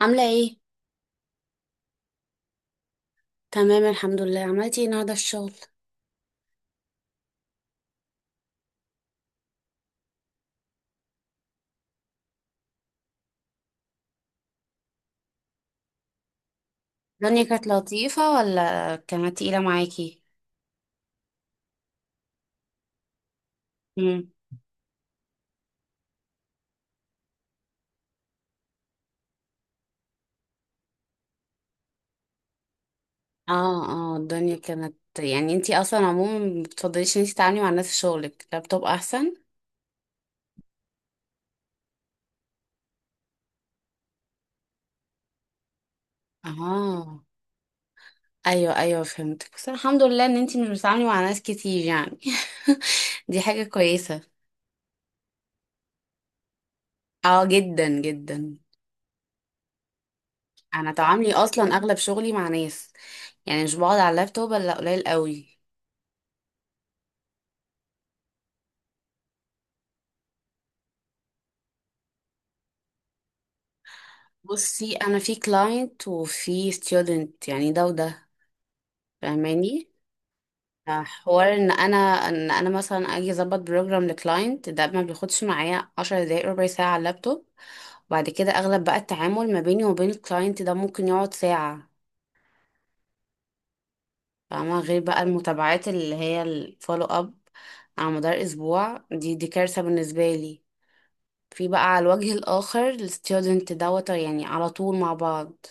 عاملة ايه؟ تمام، الحمد لله. عملتي ايه النهاردة في الشغل؟ الدنيا كانت لطيفة ولا كانت تقيلة معاكي؟ مم. اه اه الدنيا كانت، يعني انتي اصلا عموما ما بتفضليش ان انتي تتعاملي مع الناس في شغلك، لابتوب احسن؟ اه. ايوه ايوه، فهمتك. بس الحمد لله ان انتي مش بتتعاملي مع ناس كتير يعني. دي حاجة كويسة. اه جدا جدا. انا تعاملي اصلا اغلب شغلي مع ناس، يعني مش بقعد على اللابتوب الا قليل قوي. بصي، انا في كلاينت وفي ستودنت، يعني ده وده، فاهماني. حوار ان انا مثلا اجي اظبط بروجرام لكلاينت، ده ما بياخدش معايا 10 دقايق، ربع ساعه على اللابتوب. وبعد كده اغلب بقى التعامل ما بيني وبين الكلاينت ده، ممكن يقعد ساعه. فاهمه؟ غير بقى المتابعات اللي هي الفولو اب على مدار اسبوع، دي كارثه بالنسبه لي. في بقى على الوجه الاخر الستودنت، دوت يعني على طول مع بعض.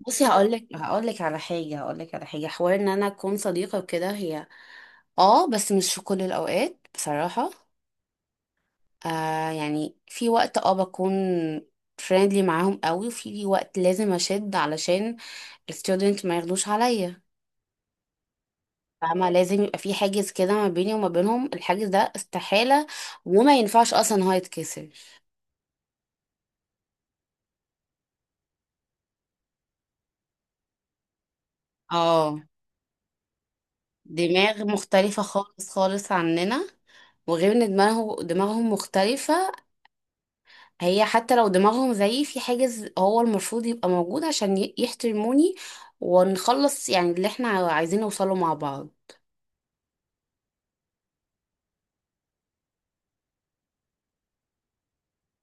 بصي، هقولك على حاجة، حوار ان انا اكون صديقة وكده. هي اه، بس مش في كل الاوقات بصراحة. آه يعني، في وقت بكون فريندلي معاهم قوي، وفي وقت لازم اشد علشان الستودنت ما ياخدوش عليا. فاهمة؟ لازم يبقى في حاجز كده ما بيني وما بينهم. الحاجز ده استحالة، وما ينفعش اصلا إن هو يتكسر. اه. دماغ مختلفة خالص خالص عننا. وغير ان دماغهم مختلفة. هي حتى لو دماغهم زيي، في حاجز هو المفروض يبقى موجود عشان يحترموني، ونخلص يعني اللي احنا عايزين نوصله مع بعض.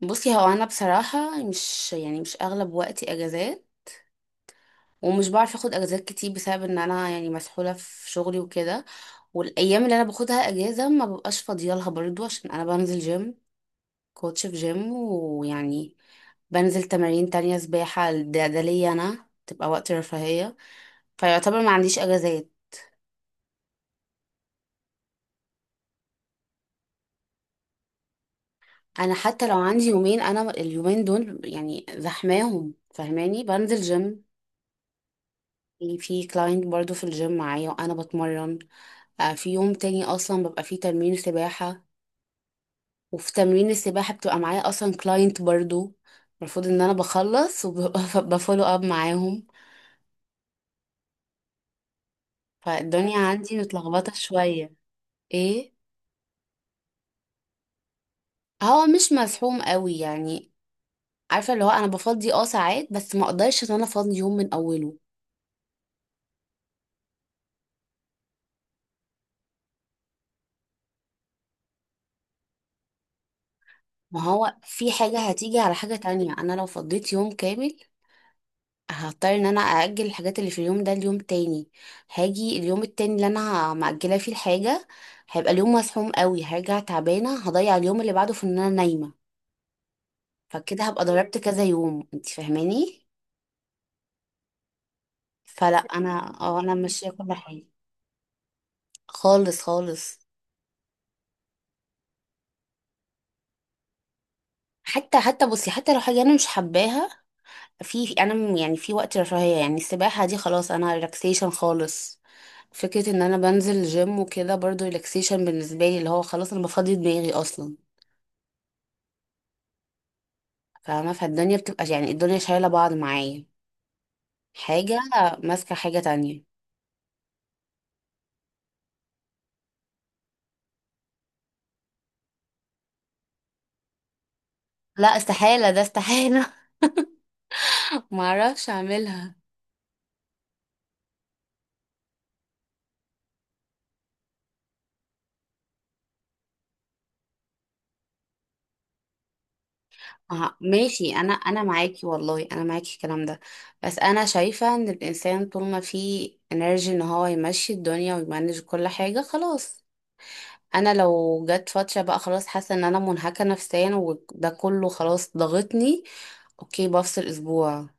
بصي، هو انا بصراحة مش يعني مش اغلب وقتي اجازات. ومش بعرف اخد اجازات كتير بسبب ان انا يعني مسحولة في شغلي وكده. والايام اللي انا باخدها اجازة ما ببقاش فاضية لها برضو، عشان انا بنزل جيم، كوتش في جيم، ويعني بنزل تمارين تانية، سباحة. ده ليا انا تبقى وقت رفاهية، فيعتبر ما عنديش اجازات. انا حتى لو عندي يومين، انا اليومين دول يعني زحماهم، فاهماني، بنزل جيم. في كلاينت برضو في الجيم معايا وانا بتمرن. آه، في يوم تاني اصلا ببقى فيه تمرين سباحة. وفي تمرين السباحة بتبقى معايا اصلا كلاينت برضو. المفروض ان انا بخلص وبفولو اب معاهم. فالدنيا عندي متلخبطة شوية. ايه. هو مش مزحوم قوي يعني. عارفة اللي هو انا بفضي اه ساعات، بس ما اقدرش ان انا افضي يوم من اوله. ما هو في حاجة هتيجي على حاجة تانية. أنا لو فضيت يوم كامل، هضطر إن أنا أأجل الحاجات اللي في اليوم ده ليوم تاني. هاجي اليوم التاني اللي أنا مأجلة فيه الحاجة، هيبقى اليوم مزحوم قوي، هرجع تعبانة، هضيع اليوم اللي بعده في إن أنا نايمة. فكده هبقى ضربت كذا يوم، أنت فاهماني. فلا، أنا اه، أنا ماشية كل حاجة. خالص خالص. حتى بصي، حتى لو حاجة أنا مش حباها، في انا يعني في وقت رفاهية، يعني السباحة دي خلاص انا ريلاكسيشن خالص. فكرة ان انا بنزل جيم وكده برضو ريلاكسيشن بالنسبة لي، اللي هو خلاص انا بفضي دماغي اصلا. فاهمة؟ فالدنيا بتبقى يعني، الدنيا شايلة بعض معايا. حاجة ماسكة حاجة تانية. لا استحالة، ده استحالة. معرفش اعملها. آه، ماشي. انا معاكي والله، انا معاكي في الكلام ده. بس انا شايفة ان الانسان طول ما فيه انرجي ان هو يمشي الدنيا ويمانج كل حاجة، خلاص. انا لو جت فتره بقى خلاص حاسه ان انا منهكه نفسيا، وده كله خلاص ضغطني، اوكي، بفصل اسبوع.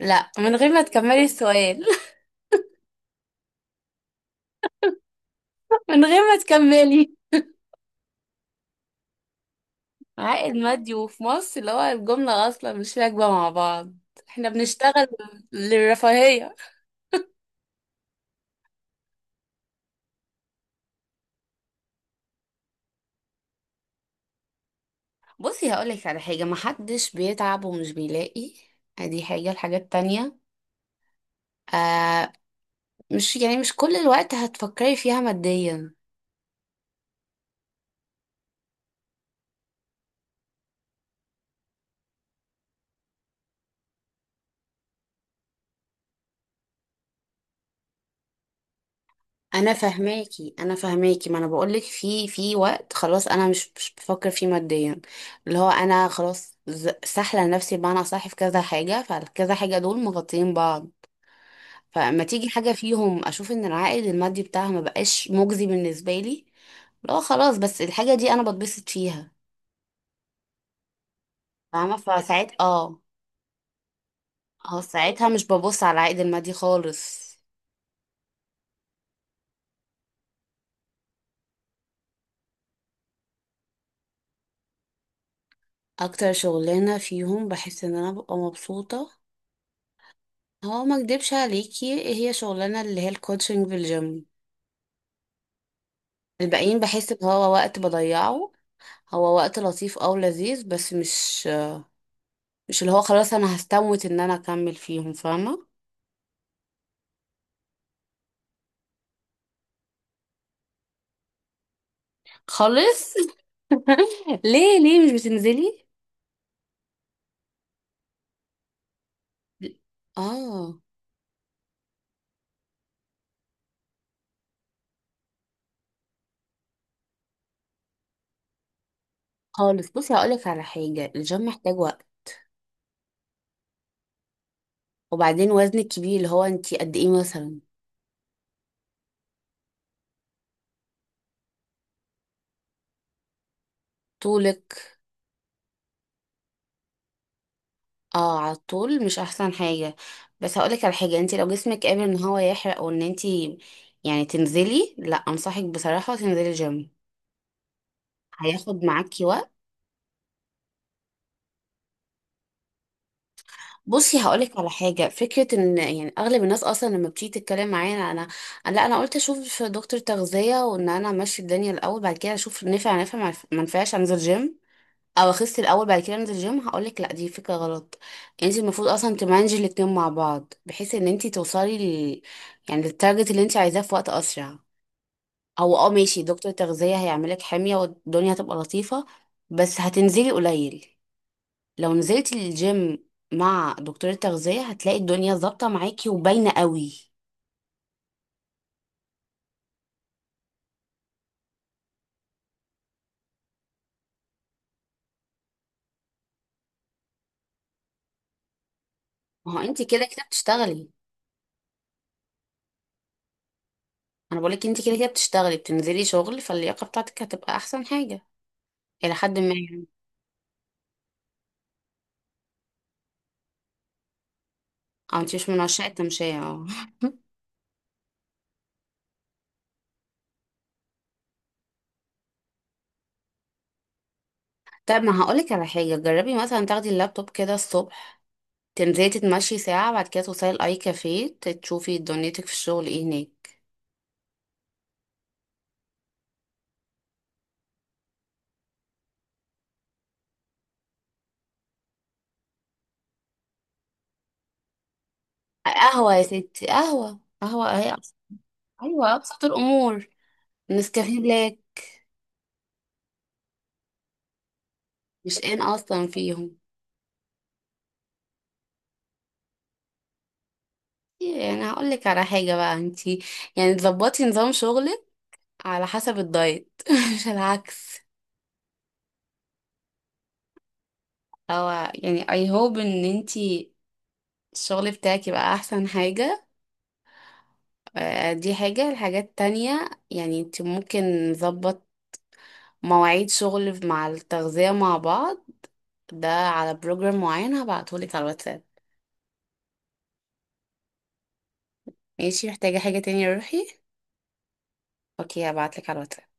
لا، من غير ما تكملي السؤال. من غير ما تكملي، عائد مادي وفي مصر، اللي هو الجمله اصلا مش راكبه مع بعض. احنا بنشتغل للرفاهيه. بصي هقولك على حاجه، محدش بيتعب ومش بيلاقي. ادي حاجه الحاجات التانية. آه. مش يعني مش كل الوقت هتفكري فيها ماديا. انا فهماكي، انا فهماكي. ما انا بقولك في وقت خلاص انا مش بفكر فيه ماديا. اللي هو انا خلاص سحله نفسي بمعنى صح. في كذا حاجه فكذا حاجه، دول مغطيين بعض. فما تيجي حاجه فيهم اشوف ان العائد المادي بتاعها ما بقاش مجزي بالنسبه لي، لا خلاص. بس الحاجه دي انا بتبسط فيها. فاهمه؟ فساعات اه، اه ساعتها مش ببص على العائد المادي خالص. اكتر شغلانه فيهم بحس ان انا ببقى مبسوطه، هو ما اكدبش عليكي هي شغلانه اللي هي الكوتشنج في الجيم. الباقيين بحس ان هو وقت بضيعه. هو وقت لطيف او لذيذ، بس مش اللي هو خلاص انا هستموت ان انا اكمل فيهم، فاهمه؟ خالص. ليه ليه مش بتنزلي؟ اه. خالص. بصي هقولك على حاجه، الجيم محتاج وقت. وبعدين وزنك كبير، اللي هو انتي قد ايه مثلا؟ طولك؟ اه. على طول مش احسن حاجه، بس هقولك على حاجه، انت لو جسمك قابل ان هو يحرق او ان انت يعني تنزلي، لا، انصحك بصراحه تنزلي جيم. هياخد معاكي وقت. بصي هقولك على حاجه، فكره ان يعني اغلب الناس اصلا لما بتيجي تتكلم معايا انا، لا انا قلت اشوف دكتور تغذيه وان انا امشي الدنيا الاول، بعد كده اشوف نفع ما نفعش انزل جيم، او اخس الاول بعد كده انزل الجيم، هقولك لا، دي فكره غلط. انت المفروض اصلا تمانجي الاتنين مع بعض، بحيث ان انت توصلي ل... يعني للتارجت اللي انت عايزاه في وقت اسرع. هو اه ماشي، دكتور تغذيه هيعملك حميه والدنيا هتبقى لطيفه، بس هتنزلي قليل. لو نزلتي الجيم مع دكتور التغذيه، هتلاقي الدنيا ظابطه معاكي وباينه قوي. ما هو انت كده كده بتشتغلي. انا بقولك انت كده كده بتشتغلي، بتنزلي شغل، فاللياقه بتاعتك هتبقى احسن حاجه الى حد ما يعني. او انت مش من عشاق التمشيه؟ اه. طب ما هقولك على حاجة، جربي مثلا تاخدي اللابتوب كده الصبح، تنزلي تتمشي ساعة، بعد كده توصلي الأي كافيه، تشوفي دنيتك في الشغل ايه هناك. قهوة يا ستي، قهوة قهوة اهي، أيوة أبسط الأمور، نسكافيه بلاك. مش ان أصلا فيهم. يعني هقولك على حاجة بقى، انتي يعني تظبطي نظام شغلك على حسب الدايت، مش العكس. أو يعني I hope ان انتي الشغل بتاعك يبقى أحسن حاجة. آه، دي حاجة الحاجات التانية. يعني انت ممكن نظبط مواعيد شغل مع التغذية مع بعض، ده على بروجرام معين هبعتهولك على الواتساب. ماشي، محتاجة حاجة تانية يا روحي؟ اوكي، هبعتلك على الواتساب.